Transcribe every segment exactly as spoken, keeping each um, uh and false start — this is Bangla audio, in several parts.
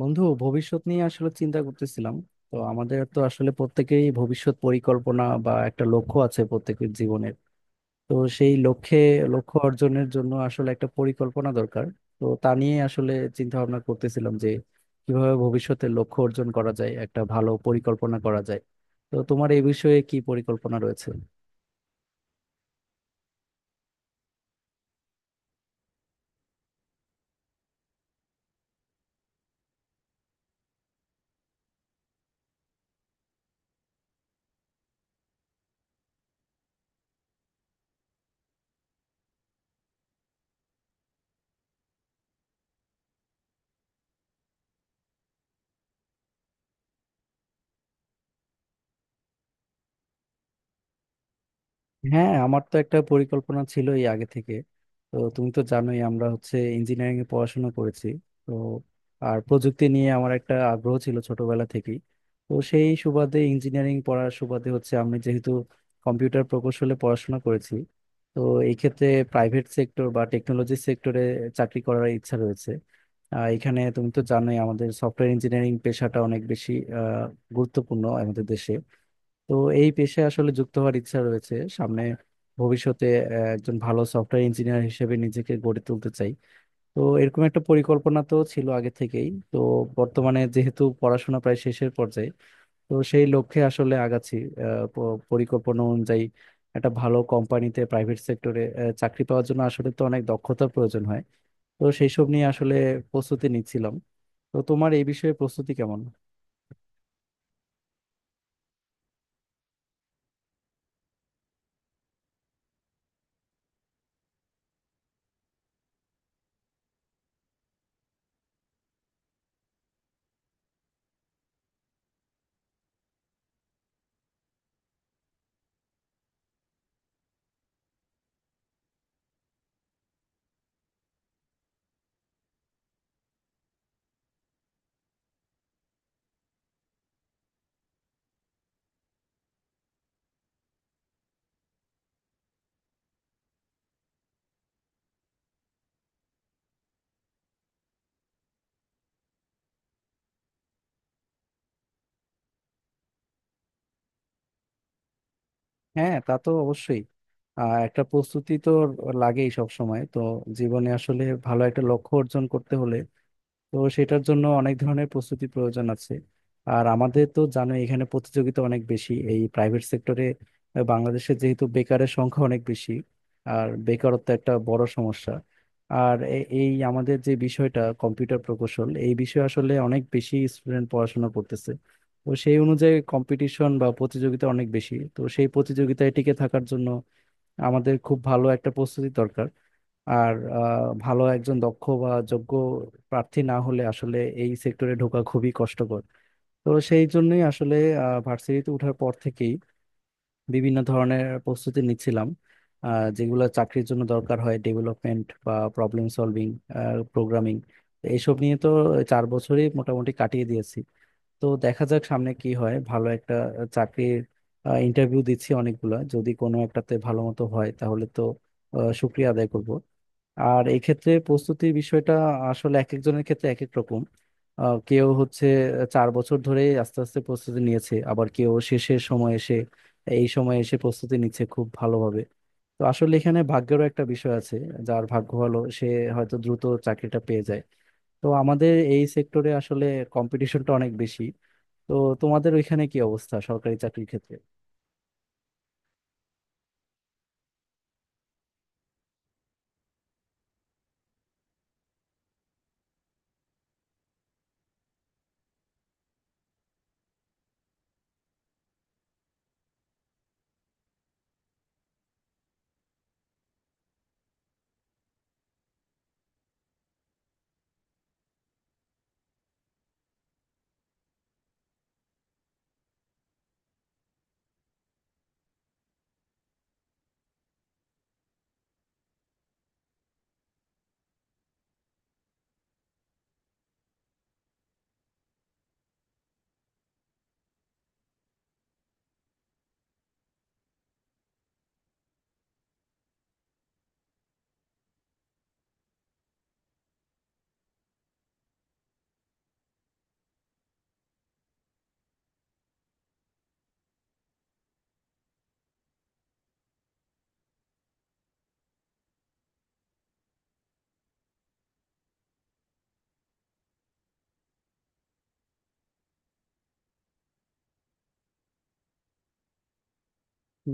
বন্ধু, ভবিষ্যৎ নিয়ে আসলে চিন্তা করতেছিলাম। তো আমাদের তো আসলে প্রত্যেকেই ভবিষ্যৎ পরিকল্পনা বা একটা লক্ষ্য আছে প্রত্যেকের জীবনের। তো সেই লক্ষ্যে লক্ষ্য অর্জনের জন্য আসলে একটা পরিকল্পনা দরকার। তো তা নিয়ে আসলে চিন্তা ভাবনা করতেছিলাম যে কিভাবে ভবিষ্যতে লক্ষ্য অর্জন করা যায়, একটা ভালো পরিকল্পনা করা যায়। তো তোমার এই বিষয়ে কি পরিকল্পনা রয়েছে? হ্যাঁ, আমার তো একটা পরিকল্পনা ছিল এই আগে থেকে। তো তুমি তো জানোই আমরা হচ্ছে ইঞ্জিনিয়ারিং এ পড়াশোনা করেছি। তো আর প্রযুক্তি নিয়ে আমার একটা আগ্রহ ছিল ছোটবেলা থেকেই। তো সেই সুবাদে ইঞ্জিনিয়ারিং পড়ার সুবাদে হচ্ছে আমি যেহেতু কম্পিউটার প্রকৌশলে পড়াশোনা করেছি, তো এই ক্ষেত্রে প্রাইভেট সেক্টর বা টেকনোলজি সেক্টরে চাকরি করার ইচ্ছা রয়েছে। আহ, এখানে তুমি তো জানোই আমাদের সফটওয়্যার ইঞ্জিনিয়ারিং পেশাটা অনেক বেশি আহ, গুরুত্বপূর্ণ আমাদের দেশে। তো এই পেশায় আসলে যুক্ত হওয়ার ইচ্ছা রয়েছে সামনে ভবিষ্যতে। আহ, একজন ভালো সফটওয়্যার ইঞ্জিনিয়ার হিসেবে নিজেকে গড়ে তুলতে চাই। তো এরকম একটা পরিকল্পনা তো ছিল আগে থেকেই। তো বর্তমানে যেহেতু পড়াশোনা প্রায় শেষের পর্যায়ে, তো সেই লক্ষ্যে আসলে আগাচ্ছি। আহ, প- পরিকল্পনা অনুযায়ী একটা ভালো কোম্পানিতে প্রাইভেট সেক্টরে চাকরি পাওয়ার জন্য আসলে তো অনেক দক্ষতার প্রয়োজন হয়। তো সেই সব নিয়ে আসলে প্রস্তুতি নিচ্ছিলাম। তো তোমার এই বিষয়ে প্রস্তুতি কেমন? হ্যাঁ, তা তো অবশ্যই। আহ, একটা প্রস্তুতি তো লাগেই সব সময়, তো জীবনে আসলে ভালো একটা লক্ষ্য অর্জন করতে হলে, তো সেটার জন্য অনেক ধরনের প্রস্তুতি প্রয়োজন আছে। আর আমাদের তো জানো এখানে প্রতিযোগিতা অনেক বেশি এই প্রাইভেট সেক্টরে। বাংলাদেশে যেহেতু বেকারের সংখ্যা অনেক বেশি, আর বেকারত্ব একটা বড় সমস্যা। আর এ- এই আমাদের যে বিষয়টা কম্পিউটার প্রকৌশল, এই বিষয়ে আসলে অনেক বেশি স্টুডেন্ট পড়াশোনা করতেছে। তো সেই অনুযায়ী কম্পিটিশন বা প্রতিযোগিতা অনেক বেশি, তো সেই প্রতিযোগিতায় টিকে থাকার জন্য আমাদের খুব ভালো একটা প্রস্তুতি দরকার। আর আহ, ভালো একজন দক্ষ বা যোগ্য প্রার্থী না হলে আসলে এই সেক্টরে ঢোকা খুবই কষ্টকর। তো সেই জন্যই আসলে ভার্সিটিতে ওঠার পর থেকেই বিভিন্ন ধরনের প্রস্তুতি নিচ্ছিলাম। আহ, যেগুলো চাকরির জন্য দরকার হয়, ডেভেলপমেন্ট বা প্রবলেম সলভিং, প্রোগ্রামিং, এইসব নিয়ে তো চার বছরই মোটামুটি কাটিয়ে দিয়েছি। তো দেখা যাক সামনে কি হয়। ভালো একটা চাকরির ইন্টারভিউ দিচ্ছি অনেকগুলা, যদি কোনো একটাতে ভালো মতো হয় তাহলে তো আহ, শুক্রিয়া আদায় করব। আর এই ক্ষেত্রে প্রস্তুতির বিষয়টা আসলে এক একজনের ক্ষেত্রে এক এক রকম। আহ, কেউ হচ্ছে চার বছর ধরে আস্তে আস্তে প্রস্তুতি নিয়েছে, আবার কেউ শেষের সময় এসে এই সময় এসে প্রস্তুতি নিচ্ছে খুব ভালোভাবে। তো আসলে এখানে ভাগ্যেরও একটা বিষয় আছে। যার ভাগ্য ভালো সে হয়তো দ্রুত চাকরিটা পেয়ে যায়। তো আমাদের এই সেক্টরে আসলে কম্পিটিশনটা অনেক বেশি। তো তোমাদের ওইখানে কি অবস্থা সরকারি চাকরির ক্ষেত্রে?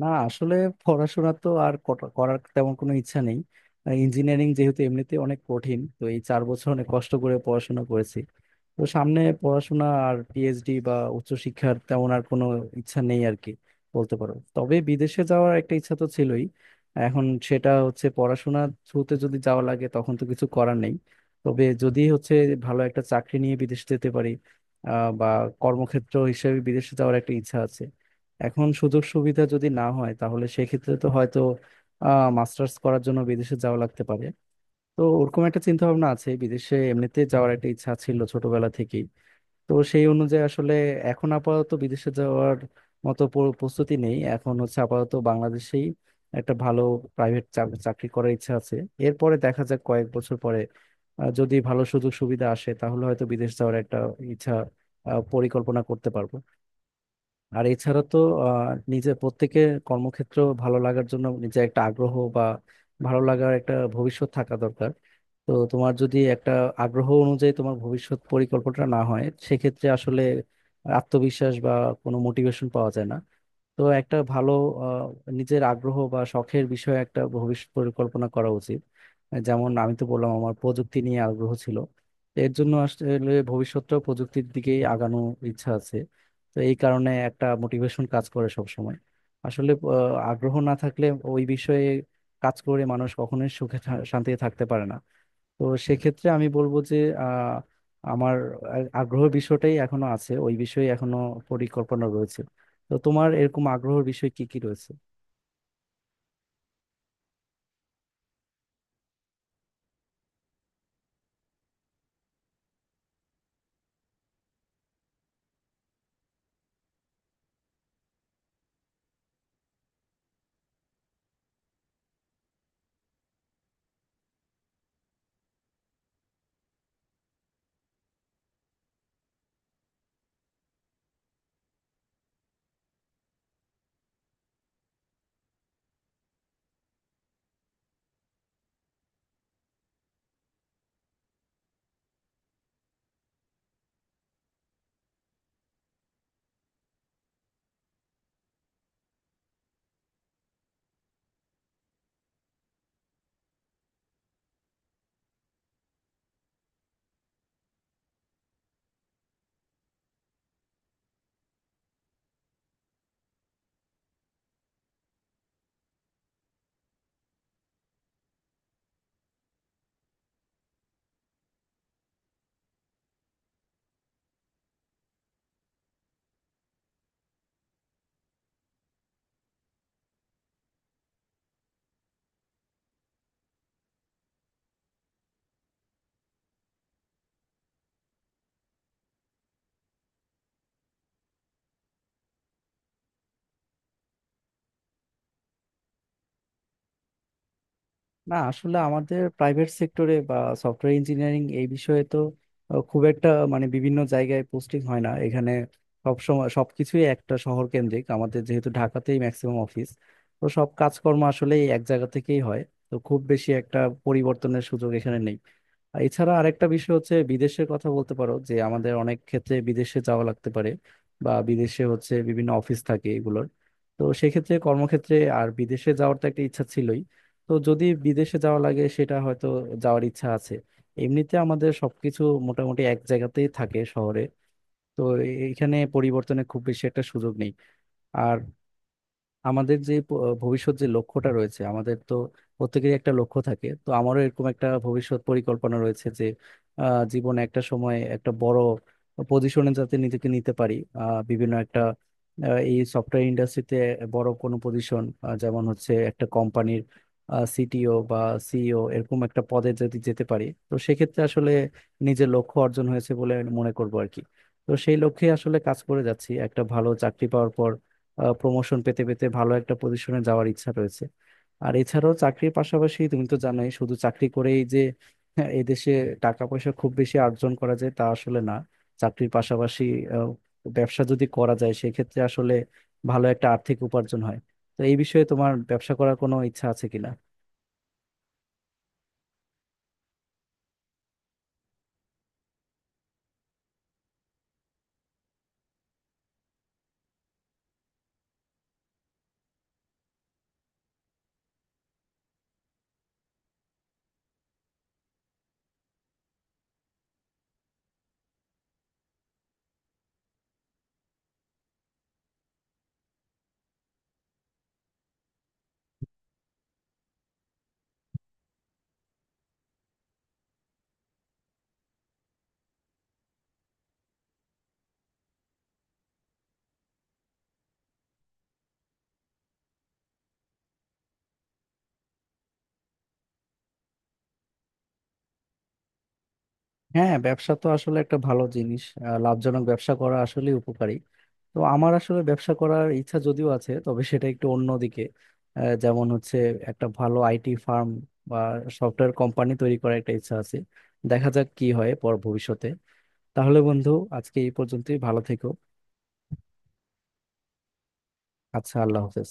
না আসলে পড়াশোনা তো আর কট- করার তেমন কোনো ইচ্ছা নেই। ইঞ্জিনিয়ারিং যেহেতু এমনিতে অনেক কঠিন, তো এই চার বছর অনেক কষ্ট করে পড়াশোনা করেছি। তো সামনে পড়াশোনা আর পি এইচ ডি বা উচ্চশিক্ষার তেমন আর কোনো ইচ্ছা নেই আর কি, বলতে পারো। তবে বিদেশে যাওয়ার একটা ইচ্ছা তো ছিলই। এখন সেটা হচ্ছে পড়াশোনা থ্রুতে যদি যাওয়া লাগে তখন তো কিছু করার নেই। তবে যদি হচ্ছে ভালো একটা চাকরি নিয়ে বিদেশে যেতে পারি, আহ বা কর্মক্ষেত্র হিসেবে বিদেশে যাওয়ার একটা ইচ্ছা আছে। এখন সুযোগ সুবিধা যদি না হয় তাহলে সেক্ষেত্রে তো হয়তো আহ মাস্টার্স করার জন্য বিদেশে যাওয়া লাগতে পারে। তো ওরকম একটা চিন্তা ভাবনা আছে। বিদেশে এমনিতে যাওয়ার একটা ইচ্ছা ছিল ছোটবেলা থেকেই। তো সেই অনুযায়ী আসলে এখন আপাতত বিদেশে যাওয়ার মতো প- প্রস্তুতি নেই। এখন হচ্ছে আপাতত বাংলাদেশেই একটা ভালো প্রাইভেট চাকরি করার ইচ্ছা আছে। এরপরে দেখা যাক কয়েক বছর পরে আহ, যদি ভালো সুযোগ সুবিধা আসে তাহলে হয়তো বিদেশ যাওয়ার একটা ইচ্ছা, আহ, পরিকল্পনা করতে পারবো। আর এছাড়া তো আহ, নিজে প্রত্যেকে কর্মক্ষেত্র ভালো লাগার জন্য নিজে একটা আগ্রহ বা ভালো লাগার একটা ভবিষ্যৎ থাকা দরকার। তো তোমার যদি একটা আগ্রহ অনুযায়ী তোমার ভবিষ্যৎ পরিকল্পনা না হয় সেক্ষেত্রে আসলে আত্মবিশ্বাস বা কোনো মোটিভেশন পাওয়া যায় না। তো একটা ভালো আহ, নিজের আগ্রহ বা শখের বিষয়ে একটা ভবিষ্যৎ পরিকল্পনা করা উচিত। যেমন আমি তো বললাম আমার প্রযুক্তি নিয়ে আগ্রহ ছিল, তো এর জন্য আসলে ভবিষ্যৎটাও প্রযুক্তির দিকেই আগানো ইচ্ছা আছে। তো এই কারণে একটা মোটিভেশন কাজ করে সব সময়। আসলে আহ, আগ্রহ না থাকলে ওই বিষয়ে কাজ করে মানুষ কখনোই সুখে থা- শান্তিতে থাকতে পারে না। তো সেক্ষেত্রে আমি বলবো যে আহ, আমার আ- আগ্রহ বিষয়টাই এখনো আছে, ওই বিষয়ে এখনো পরিকল্পনা রয়েছে। তো তোমার এরকম আগ্রহের বিষয় কি কি রয়েছে? না আসলে আমাদের প্রাইভেট সেক্টরে বা সফটওয়্যার ইঞ্জিনিয়ারিং এই বিষয়ে তো আহ, খুব একটা মানে বিভিন্ন জায়গায় পোস্টিং হয় না এখানে। সব সময় সবকিছুই একটা শহর কেন্দ্রিক, আমাদের যেহেতু ঢাকাতেই ম্যাক্সিমাম অফিস। তো সব কাজকর্ম আসলে এক জায়গা থেকেই হয়। তো খুব বেশি একটা পরিবর্তনের সুযোগ এখানে নেই। আর এছাড়া আরেকটা বিষয় হচ্ছে বিদেশের কথা বলতে পারো যে আমাদের অনেক ক্ষেত্রে বিদেশে যাওয়া লাগতে পারে, বা বিদেশে হচ্ছে বিভিন্ন অফিস থাকে এগুলোর। তো সেক্ষেত্রে কর্মক্ষেত্রে আর বিদেশে যাওয়ার তো একটা ইচ্ছা ছিলই। তো যদি বিদেশে যাওয়া লাগে সেটা হয়তো যাওয়ার ইচ্ছা আছে। এমনিতে আমাদের সবকিছু মোটামুটি এক জায়গাতেই থাকে শহরে। তো এখানে পরিবর্তনের খুব বেশি একটা সুযোগ নেই। আর আমাদের যে প- ভবিষ্যৎ যে লক্ষ্যটা রয়েছে আমাদের, তো প্রত্যেকেরই একটা লক্ষ্য থাকে, তো আমারও এরকম একটা ভবিষ্যৎ পরিকল্পনা রয়েছে যে আহ, জীবনে একটা সময় একটা বড় পজিশনে যাতে নিজেকে নিতে পারি। আহ, বিভিন্ন একটা আহ, এই সফটওয়্যার ইন্ডাস্ট্রিতে বড় কোনো পজিশন, যেমন হচ্ছে একটা কোম্পানির সি টি ও বা সি ই ও, এরকম একটা পদে যদি যেতে পারি তো সেক্ষেত্রে আসলে নিজের লক্ষ্য অর্জন হয়েছে বলে মনে করবো আর কি। তো সেই লক্ষ্যে আসলে কাজ করে যাচ্ছি, একটা ভালো চাকরি পাওয়ার পর প্রমোশন পেতে পেতে ভালো একটা পজিশনে যাওয়ার ইচ্ছা রয়েছে। আর এছাড়াও চাকরির পাশাপাশি তুমি তো জানোই শুধু চাকরি করেই যে হ্যাঁ, এদেশে টাকা পয়সা খুব বেশি অর্জন করা যায় তা আসলে না। চাকরির পাশাপাশি আহ, ব্যবসা যদি করা যায় সেক্ষেত্রে আসলে ভালো একটা আর্থিক উপার্জন হয়। তো এই বিষয়ে তোমার ব্যবসা করার কোনো ইচ্ছা আছে কিনা? হ্যাঁ, ব্যবসা তো আসলে একটা ভালো জিনিস। আহ, লাভজনক ব্যবসা করা আসলে উপকারী। তো আমার আসলে ব্যবসা করার ইচ্ছা যদিও আছে, তবে সেটা একটু অন্যদিকে। আহ, যেমন হচ্ছে একটা ভালো আই টি ফার্ম বা সফটওয়্যার কোম্পানি তৈরি করার একটা ইচ্ছা আছে। দেখা যাক কি হয় পর ভবিষ্যতে। তাহলে বন্ধু, আজকে এই পর্যন্তই, ভালো থেকো। আচ্ছা, আল্লাহ হাফেজ।